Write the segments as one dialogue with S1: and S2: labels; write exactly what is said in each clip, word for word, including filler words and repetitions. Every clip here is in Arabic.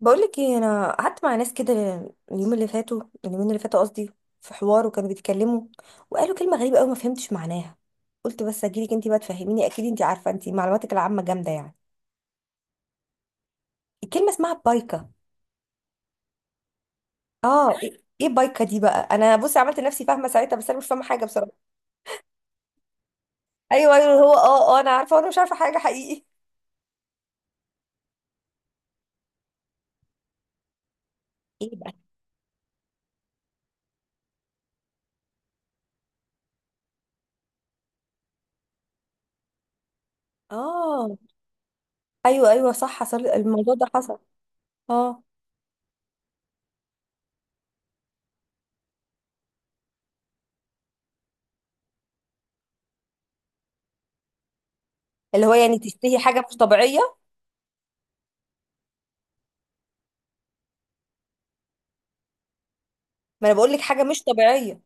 S1: بقولك ايه، انا قعدت مع ناس كده اليوم اللي فاتوا، اليومين اللي فاتوا قصدي، في حوار وكانوا بيتكلموا، وقالوا كلمه غريبه قوي ما فهمتش معناها. قلت بس اجيلك انت بقى تفهميني، اكيد انت عارفه، انت معلوماتك العامه جامده يعني. الكلمه اسمها بايكا. اه، ايه، إيه بايكا دي بقى؟ انا بصي عملت نفسي فاهمه ساعتها بس انا مش فاهمه حاجه بصراحه. ايوه، ايوه، هو اه اه انا عارفه وانا مش عارفه حاجه حقيقي. ايه بقى؟ اه، ايوه، ايوه، صح، حصل الموضوع ده، حصل. اه. اللي هو يعني تشتهي حاجه مش طبيعيه. ما انا بقول لك حاجه مش طبيعيه.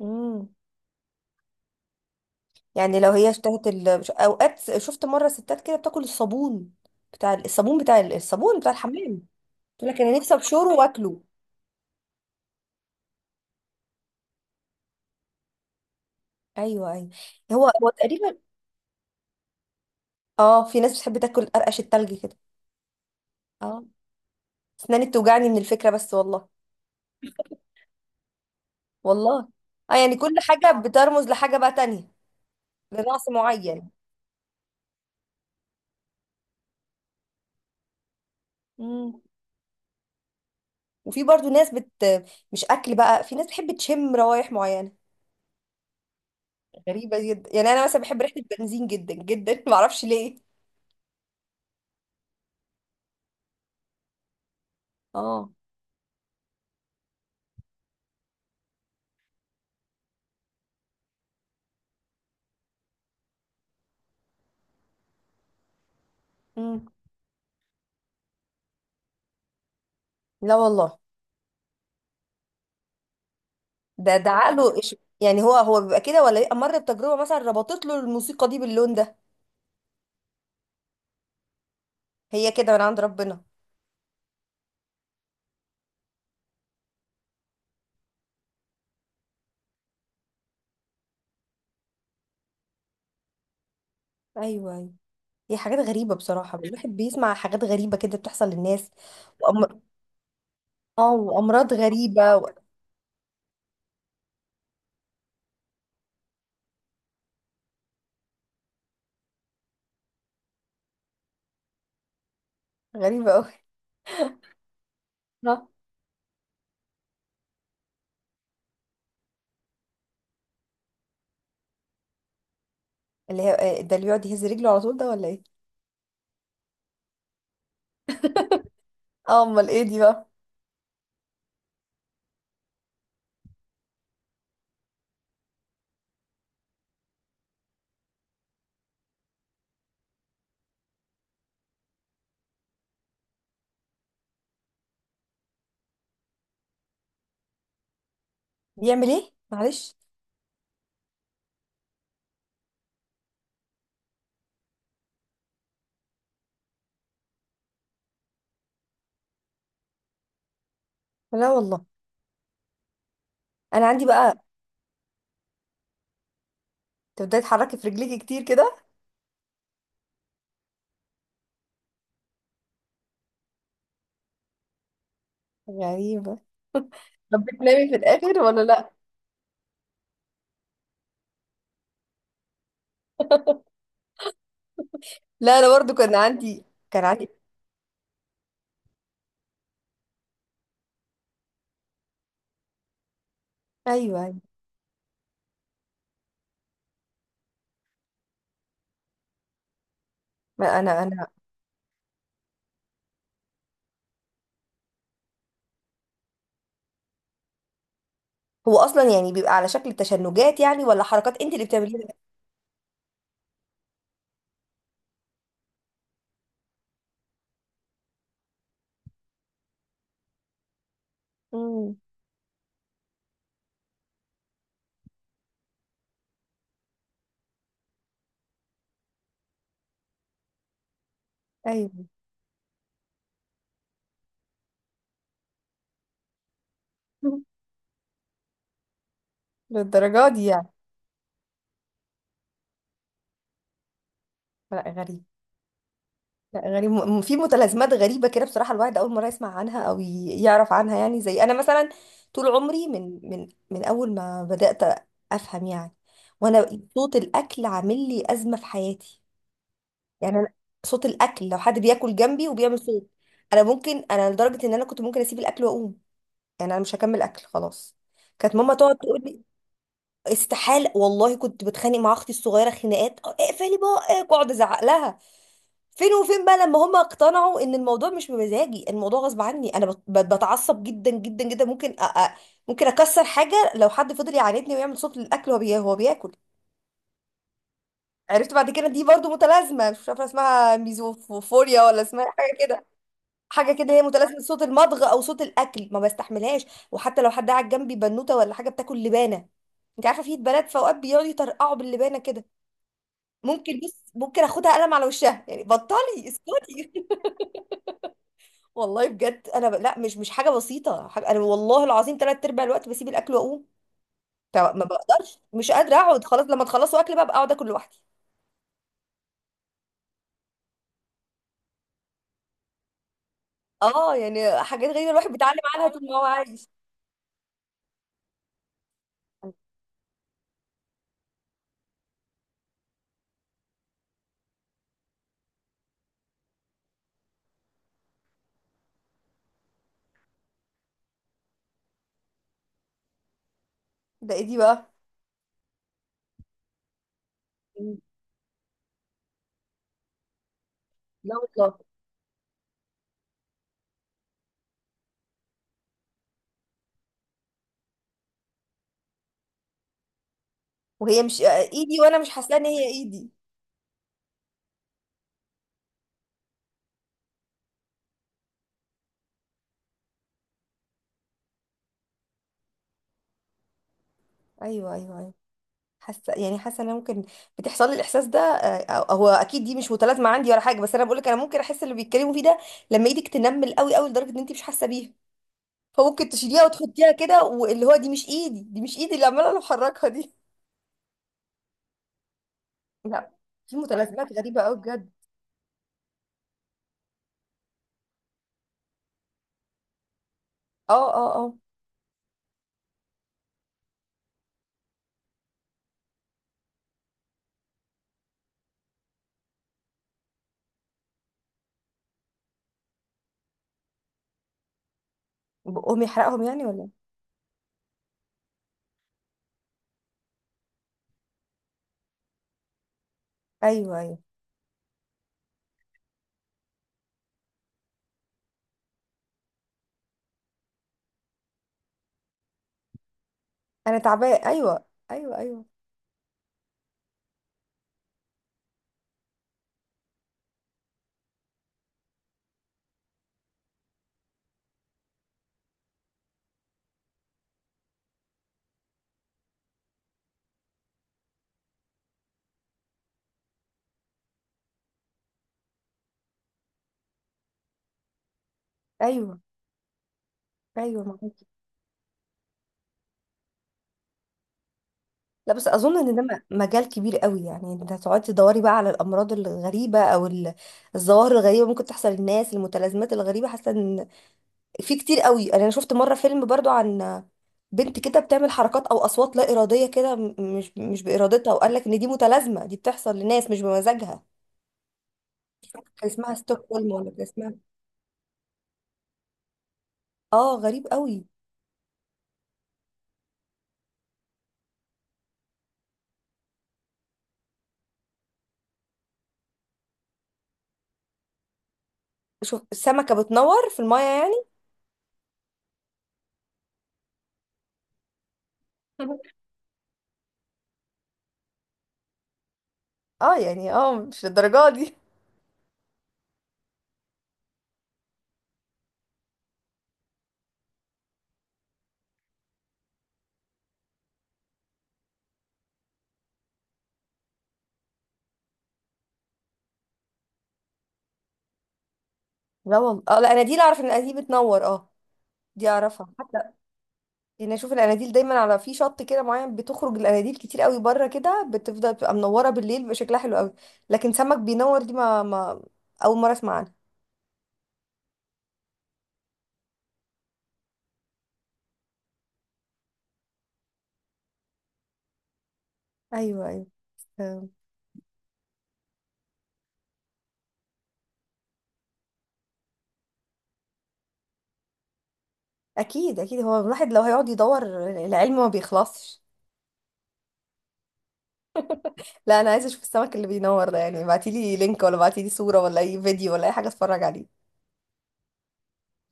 S1: امم يعني لو هي اشتهت ال... مش- اوقات شفت مره ستات كده بتاكل الصابون، بتاع الصابون بتاع الصابون بتاع الحمام، تقول لك انا نفسي ابشره واكله. ايوه، ايوه، هو هو تقريبا. اه، في ناس بتحب تاكل قرقش التلج كده. اه، اسناني بتوجعني من الفكره بس والله. والله. اه، يعني كل حاجه بترمز لحاجه بقى تانية، لنقص معين. امم وفي برضو ناس بت مش اكل بقى، في ناس بتحب تشم روايح معينه، غريبه جدا يعني. انا مثلا بحب ريحه البنزين جدا جدا، ما اعرفش ليه. اه. مم. لا والله. ده ده عقله إش... يعني هو هو بيبقى كده ولا بيبقى مر بتجربة مثلا ربطت له الموسيقى دي باللون ده؟ هي كده من عند ربنا. ايوه، ايوه. هي حاجات غريبة بصراحة، الواحد بيسمع حاجات غريبة كده بتحصل للناس. وأم... اه، وأمراض غريبة و... غريبة أوي. آه. اللي هي آه، ده اللي بيقعد يهز رجله على طول ده ولا ايه؟ اه، امال ايه دي بقى؟ بيعمل ايه معلش؟ لا والله. انا عندي بقى تبداي تحركي في رجليكي كتير كده؟ غريبة. طب بتنامي في الاخر ولا لا؟ لا، انا برضو كان عندي، كان عندي. ايوه. ما انا انا هو اصلا يعني بيبقى على شكل تشنجات يعني ولا حركات انت اللي بتعمليها؟ امم. ايوه. للدرجه دي يعني؟ لا، غريب. لا، غريب. م- في متلازمات غريبه كده بصراحه، الواحد اول مره يسمع عنها او ي- يعرف عنها يعني. زي انا مثلا، طول عمري من من من اول ما بدات افهم يعني، وانا صوت الاكل عامل لي ازمه في حياتي. يعني انا صوت الاكل لو حد بياكل جنبي وبيعمل صوت، انا ممكن انا لدرجه ان انا كنت ممكن اسيب الاكل واقوم. يعني انا مش هكمل اكل خلاص. كانت ماما تقعد تقول لي استحاله. والله كنت بتخانق مع اختي الصغيره خناقات "أه، اقفلي بقك"، واقعد ازعق لها. فين وفين بقى لما هم اقتنعوا ان الموضوع مش بمزاجي، الموضوع غصب عني. انا بت- بت- بتعصب جدا جدا جدا، ممكن أ... أ... ممكن اكسر حاجه لو حد فضل يعاندني ويعمل صوت للاكل وهو بي... هو بياكل. عرفت بعد كده دي برضو متلازمه، مش عارفه اسمها ميزوفوريا ولا اسمها حاجه كده، حاجه كده. هي متلازمه صوت المضغ او صوت الاكل، ما بستحملهاش. وحتى لو حد قاعد جنبي بنوته ولا حاجه بتاكل لبانه، انت عارفه في بنات في اوقات بيقعدوا يطرقعوا باللبانه كده، ممكن بص ممكن اخدها قلم على وشها يعني، بطلي. اسكتي. والله بجد انا ب... لا، مش مش حاجه بسيطه، حاجة... انا والله العظيم ثلاث ارباع الوقت بسيب الاكل واقوم. طب ما بقدرش، مش قادره اقعد، خلاص لما تخلصوا اكل بقى بقى اقعد اكل لوحدي. اه، يعني حاجات غريبه الواحد بيتعلم عنها طول ما هو عايش. ده ايدي بقى؟ لا والله. وهي مش ايدي وانا مش حاسه ان هي ايدي. ايوه، ايوه، ايوه. حاسه، يعني حاسه ان انا ممكن بتحصل لي الاحساس ده آه، أو- هو اكيد دي مش متلازمه عندي ولا حاجه، بس انا بقول لك انا ممكن احس اللي بيتكلموا فيه ده. لما ايدك تنمل قوي قوي لدرجه ان انت مش حاسه بيها، فممكن تشيليها وتحطيها كده واللي هو دي مش ايدي، دي مش ايدي اللي عماله بحركها دي. لا، في متلازمات غريبه قوي بجد. اه، اه، اه. بقهم يحرقهم يعني ولا إيه؟ ايوه، ايوه. انا تعبانه. ايوه، ايوه، ايوه، ايوه، ايوه. لا بس اظن ان ده م- مجال كبير قوي يعني، انت هتقعدي تدوري بقى على الامراض الغريبه او ال- الظواهر الغريبه ممكن تحصل للناس، المتلازمات الغريبه. حاسه ان في كتير قوي يعني. انا شفت مره فيلم برضو عن بنت كده بتعمل حركات او اصوات لا اراديه كده، م- مش مش بارادتها، وقال لك ان دي متلازمه دي بتحصل لناس مش بمزاجها. مش فاكرة كان اسمها ستوكهولم ولا كان اسمها. اه، غريب قوي. شوف السمكه بتنور في المايه يعني؟ اه، يعني اه مش للدرجه دي. لا والله، اه، لا انا دي اللي اعرف ان دي بتنور، اه، دي اعرفها. يعني اشوف الاناديل دايما على في شط كده معين، بتخرج الاناديل كتير قوي بره كده، بتفضل بتبقى منوره بالليل، بيبقى شكلها حلو قوي. لكن سمك بينور دي ما, ما اول مره اسمع عنها. ايوه، ايوه. فاهم. اكيد، اكيد، هو الواحد لو هيقعد يدور العلم ما بيخلصش. لا، انا عايزه اشوف السمك اللي بينور ده يعني، ابعتيلي لينك ولا ابعتيلي صوره ولا اي فيديو ولا اي حاجه اتفرج عليه.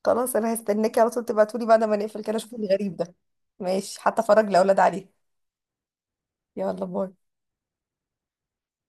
S1: خلاص، انا هستناكي على طول تبعتولي بعد ما نقفل كده اشوف الغريب ده. ماشي، حتى اتفرج لاولاد عليه. يلا، باي.